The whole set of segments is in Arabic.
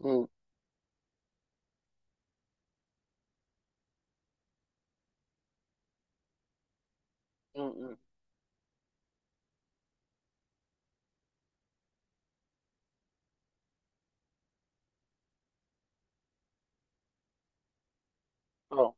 مم. مم. اه،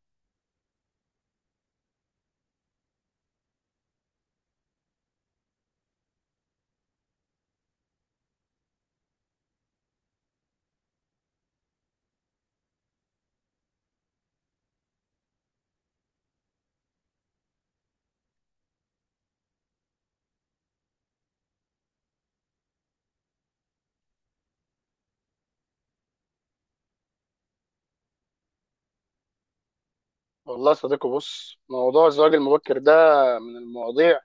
والله يا صديقي، بص، موضوع الزواج المبكر ده من المواضيع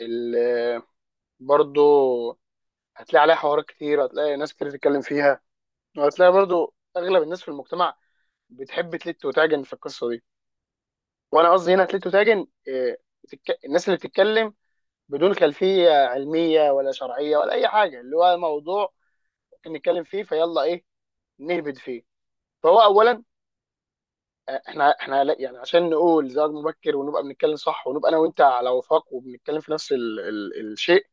اللي برضو هتلاقي عليها حوارات كتير، هتلاقي ناس كتير تتكلم فيها، وهتلاقي برضو اغلب الناس في المجتمع بتحب تلت وتعجن في القصه دي. وانا قصدي هنا تلت وتعجن إيه؟ الناس اللي بتتكلم بدون خلفيه علميه ولا شرعيه ولا اي حاجه، اللي هو موضوع ممكن نتكلم فيه فيلا ايه، نهبد فيه. فهو اولا احنا يعني عشان نقول زواج مبكر ونبقى بنتكلم صح ونبقى انا وانت على وفاق وبنتكلم في نفس ال ال الشيء.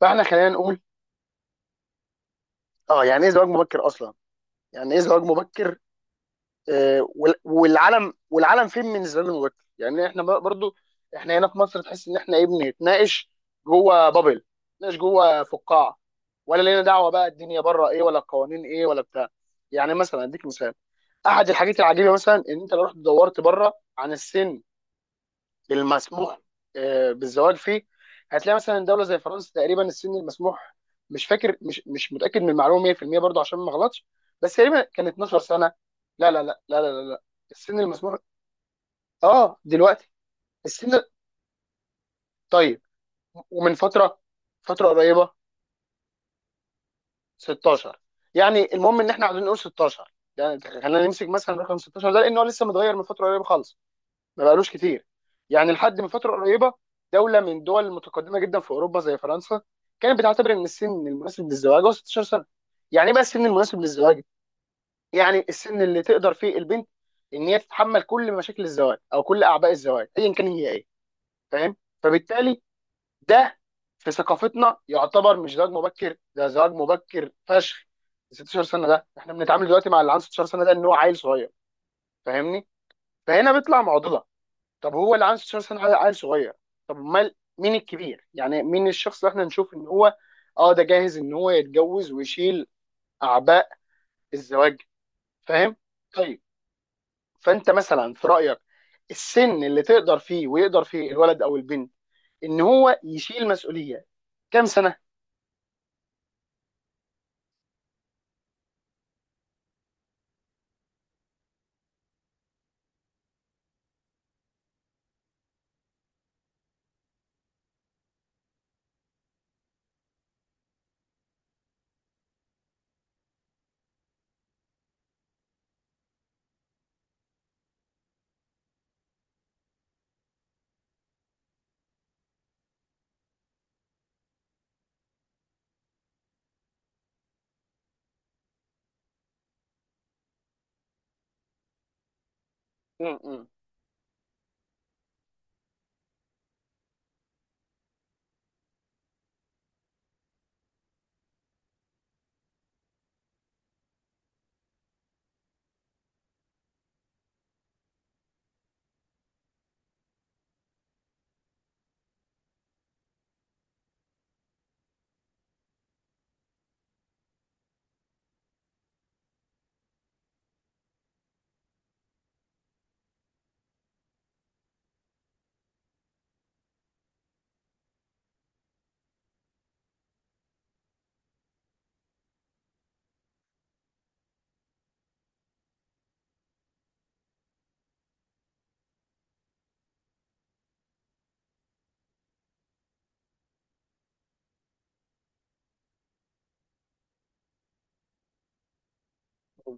فاحنا خلينا نقول: اه، يعني ايه زواج مبكر اصلا؟ يعني ايه زواج مبكر؟ آه والعالم فين من الزواج المبكر؟ يعني احنا برضو، احنا هنا في مصر تحس ان احنا ايه، بنتناقش جوه بابل، بنتناقش جوه فقاعه؟ ولا لينا دعوه بقى الدنيا بره ايه، ولا القوانين ايه، ولا بتاع. يعني مثلا اديك مثال: احد الحاجات العجيبه مثلا ان انت لو رحت دورت بره عن السن المسموح بالزواج فيه، هتلاقي مثلا دوله زي فرنسا تقريبا السن المسموح، مش فاكر، مش متاكد من المعلومه 100% برضو عشان ما اغلطش، بس تقريبا كان 12 سنه. لا لا لا لا لا لا, لا. السن المسموح، اه دلوقتي السن. طيب، ومن فتره، قريبه. 16. يعني المهم ان احنا عايزين نقول 16، يعني خلينا نمسك مثلا رقم 16 ده، لان هو لسه متغير من فتره قريبه خالص، ما بقالوش كتير. يعني لحد من فتره قريبه، دوله من الدول المتقدمه جدا في اوروبا زي فرنسا كانت بتعتبر ان السن المناسب للزواج هو 16 سنه. يعني ايه بقى السن المناسب للزواج؟ يعني السن اللي تقدر فيه البنت ان هي تتحمل كل مشاكل الزواج او كل اعباء الزواج ايا كان هي ايه، فاهم؟ فبالتالي ده في ثقافتنا يعتبر مش زواج مبكر، ده زواج مبكر فشخ! 16 سنه ده؟ احنا بنتعامل دلوقتي مع اللي عنده 16 سنه ده ان هو عيل صغير، فاهمني؟ فهنا بيطلع معضله. طب هو اللي عنده 16 سنه عيل صغير؟ طب امال مين الكبير؟ يعني مين الشخص اللي احنا نشوف ان هو اه ده جاهز ان هو يتجوز ويشيل اعباء الزواج، فاهم؟ طيب، فانت مثلا في رايك السن اللي تقدر فيه ويقدر فيه الولد او البنت ان هو يشيل مسؤوليه كام سنه؟ م- م- م.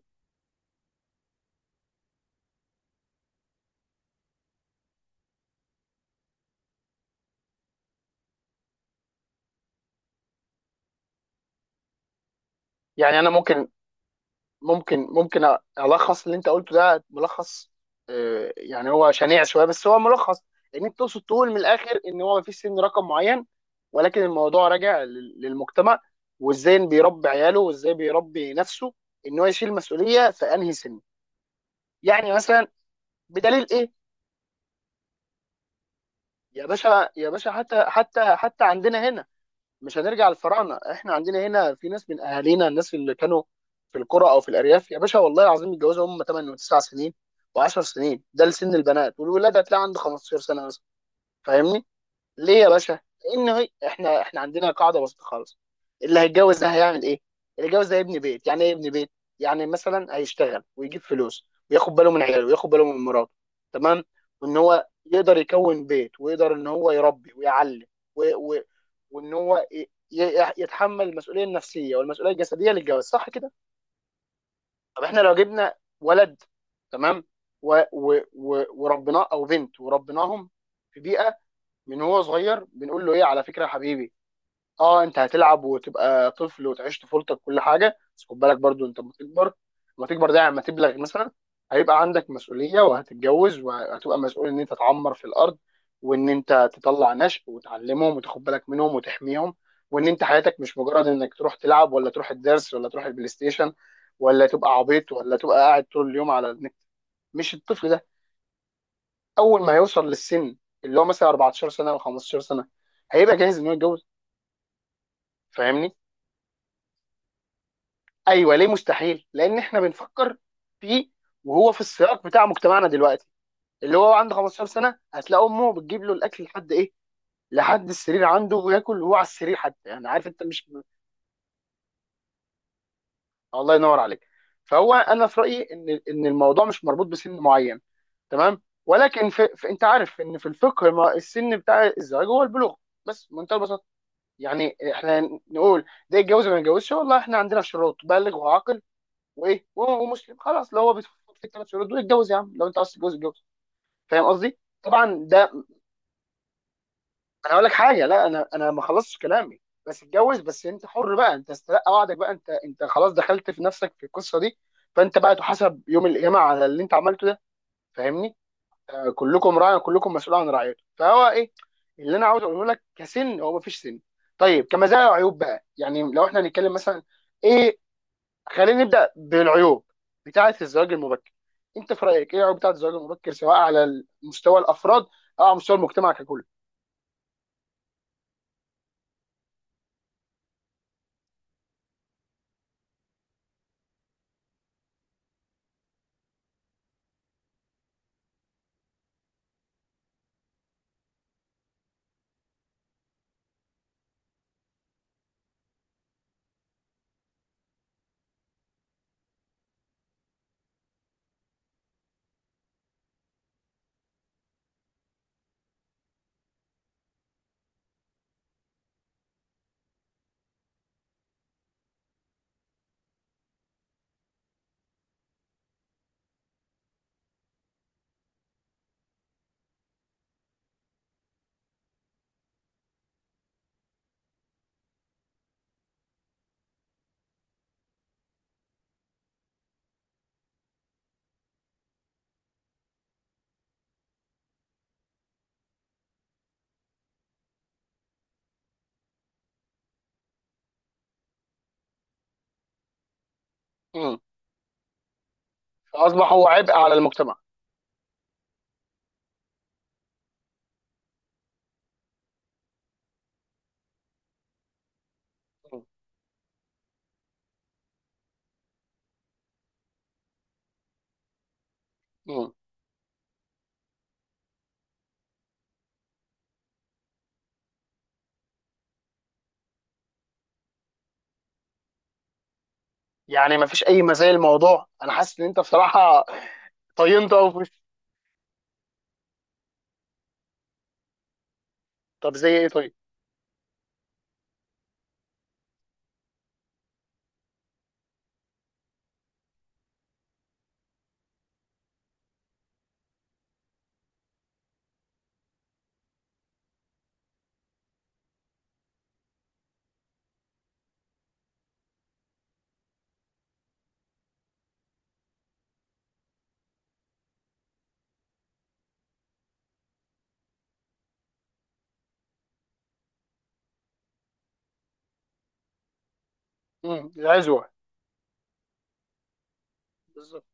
يعني انا ممكن ألخص اللي أنت قلته ده ملخص، يعني هو شنيع شوية بس هو ملخص. إن أنت تقصد تقول من الآخر إن هو مفيش سن رقم معين، ولكن الموضوع راجع للمجتمع، وإزاي بيربي عياله وإزاي بيربي نفسه، إن هو يشيل مسؤولية في أنهي سن. يعني مثلا، بدليل إيه؟ يا باشا يا باشا، حتى حتى حتى عندنا هنا، مش هنرجع للفراعنه، احنا عندنا هنا في ناس من اهالينا، الناس اللي كانوا في القرى او في الارياف، يا باشا والله العظيم يتجوزوا هم 8 و9 سنين و10 سنين، ده لسن البنات، والولاد هتلاقي عنده 15 سنه مثلا، فاهمني؟ ليه يا باشا؟ لأن هي احنا عندنا قاعدة بسيطة خالص: اللي هيتجوز ده هيعمل ايه؟ اللي هيتجوز ده يبني بيت. يعني ايه يبني بيت؟ يعني مثلا هيشتغل ويجيب فلوس، وياخد باله من عياله وياخد باله من مراته، تمام؟ وان هو يقدر يكون بيت، ويقدر ان هو يربي ويعلم و... و... وان هو ي... ي- يتحمل المسؤولية النفسية والمسؤولية الجسدية للجواز، صح كده؟ طب احنا لو جبنا ولد، تمام؟ وربناه، او بنت وربناهم في بيئة، من هو صغير بنقول له ايه؟ على فكره يا حبيبي، اه انت هتلعب وتبقى طفل وتعيش طفولتك كل حاجه، بس خد بالك برضو انت لما تكبر. لما تكبر ده، يعني لما تبلغ مثلا، هيبقى عندك مسؤوليه، وهتتجوز وهتبقى مسؤول ان انت تعمر في الارض، وان انت تطلع نشء وتعلمهم وتاخد بالك منهم وتحميهم، وان انت حياتك مش مجرد انك تروح تلعب، ولا تروح الدرس، ولا تروح البلاي ستيشن، ولا تبقى عبيط، ولا تبقى قاعد طول اليوم على النت. مش الطفل ده اول ما هيوصل للسن اللي هو مثلا 14 سنه او 15 سنه هيبقى جاهز ان هو يتجوز، فاهمني؟ ايوه، ليه مستحيل؟ لان احنا بنفكر فيه وهو في السياق بتاع مجتمعنا دلوقتي. اللي هو عنده 15 سنه هتلاقي امه بتجيب له الاكل لحد ايه؟ لحد السرير عنده، وياكل وهو على السرير حتى، يعني عارف انت، مش الله ينور عليك! فهو انا في رايي ان الموضوع مش مربوط بسن معين، تمام؟ ولكن انت عارف ان في الفقه، ما السن بتاع الزواج هو البلوغ، بس منتهى البساطه. يعني احنا نقول ده يتجوز ولا ما يتجوزش؟ والله احنا عندنا شروط: بالغ وعاقل وايه ومسلم، خلاص. لو هو بيتفق في الثلاث شروط دول يتجوز، يا عم لو انت عايز تتجوز اتجوز، فاهم قصدي؟ طبعا ده، انا هقول لك حاجه، لا انا ما خلصتش كلامي. بس اتجوز، بس انت حر بقى، انت استلقى وعدك بقى، انت خلاص دخلت في نفسك في القصه دي، فانت بقى تحاسب يوم القيامه على اللي انت عملته ده، فاهمني؟ كلكم راع كلكم مسؤول عن رعيته، فهو ايه اللي انا عاوز اقوله لك؟ كسن، هو مفيش سن. طيب، كمزايا وعيوب بقى، يعني لو احنا هنتكلم مثلا ايه، خلينا نبدا بالعيوب بتاعه الزواج المبكر. انت في رايك ايه العيوب بتاعه الزواج المبكر، سواء على مستوى الافراد او على مستوى المجتمع ككل؟ امم. فاصبح هو عبء على المجتمع. مم. مم. يعني مفيش اي مزايا؟ الموضوع، انا حاسس ان انت بصراحه طينت قوي في وشي. طب زي ايه طيب؟ امم، العزوه بالظبط.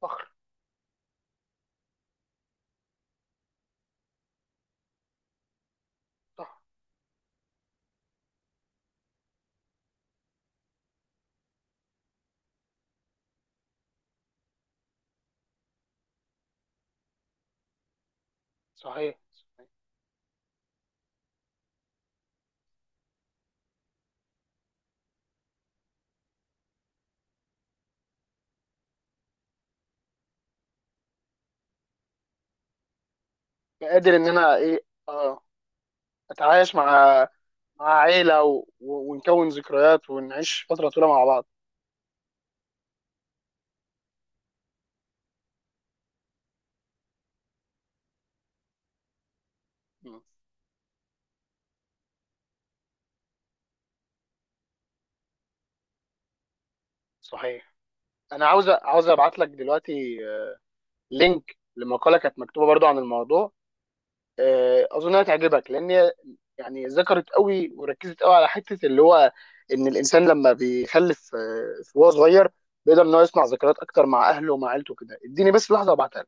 فخر. صح. صحيح. قادر ان انا ايه، اه اتعايش مع، مع عيله، ونكون ذكريات ونعيش فتره طويله مع بعض. مم. صحيح. انا عاوز ابعت لك دلوقتي، لينك لمقاله كانت مكتوبه برضو عن الموضوع، اظن هتعجبك، لان هي يعني ذكرت قوي وركزت قوي على حته اللي هو ان الانسان لما بيخلف وهو صغير بيقدر ان هو يصنع ذكريات اكتر مع اهله ومع عيلته. كده اديني بس لحظه ابعتها.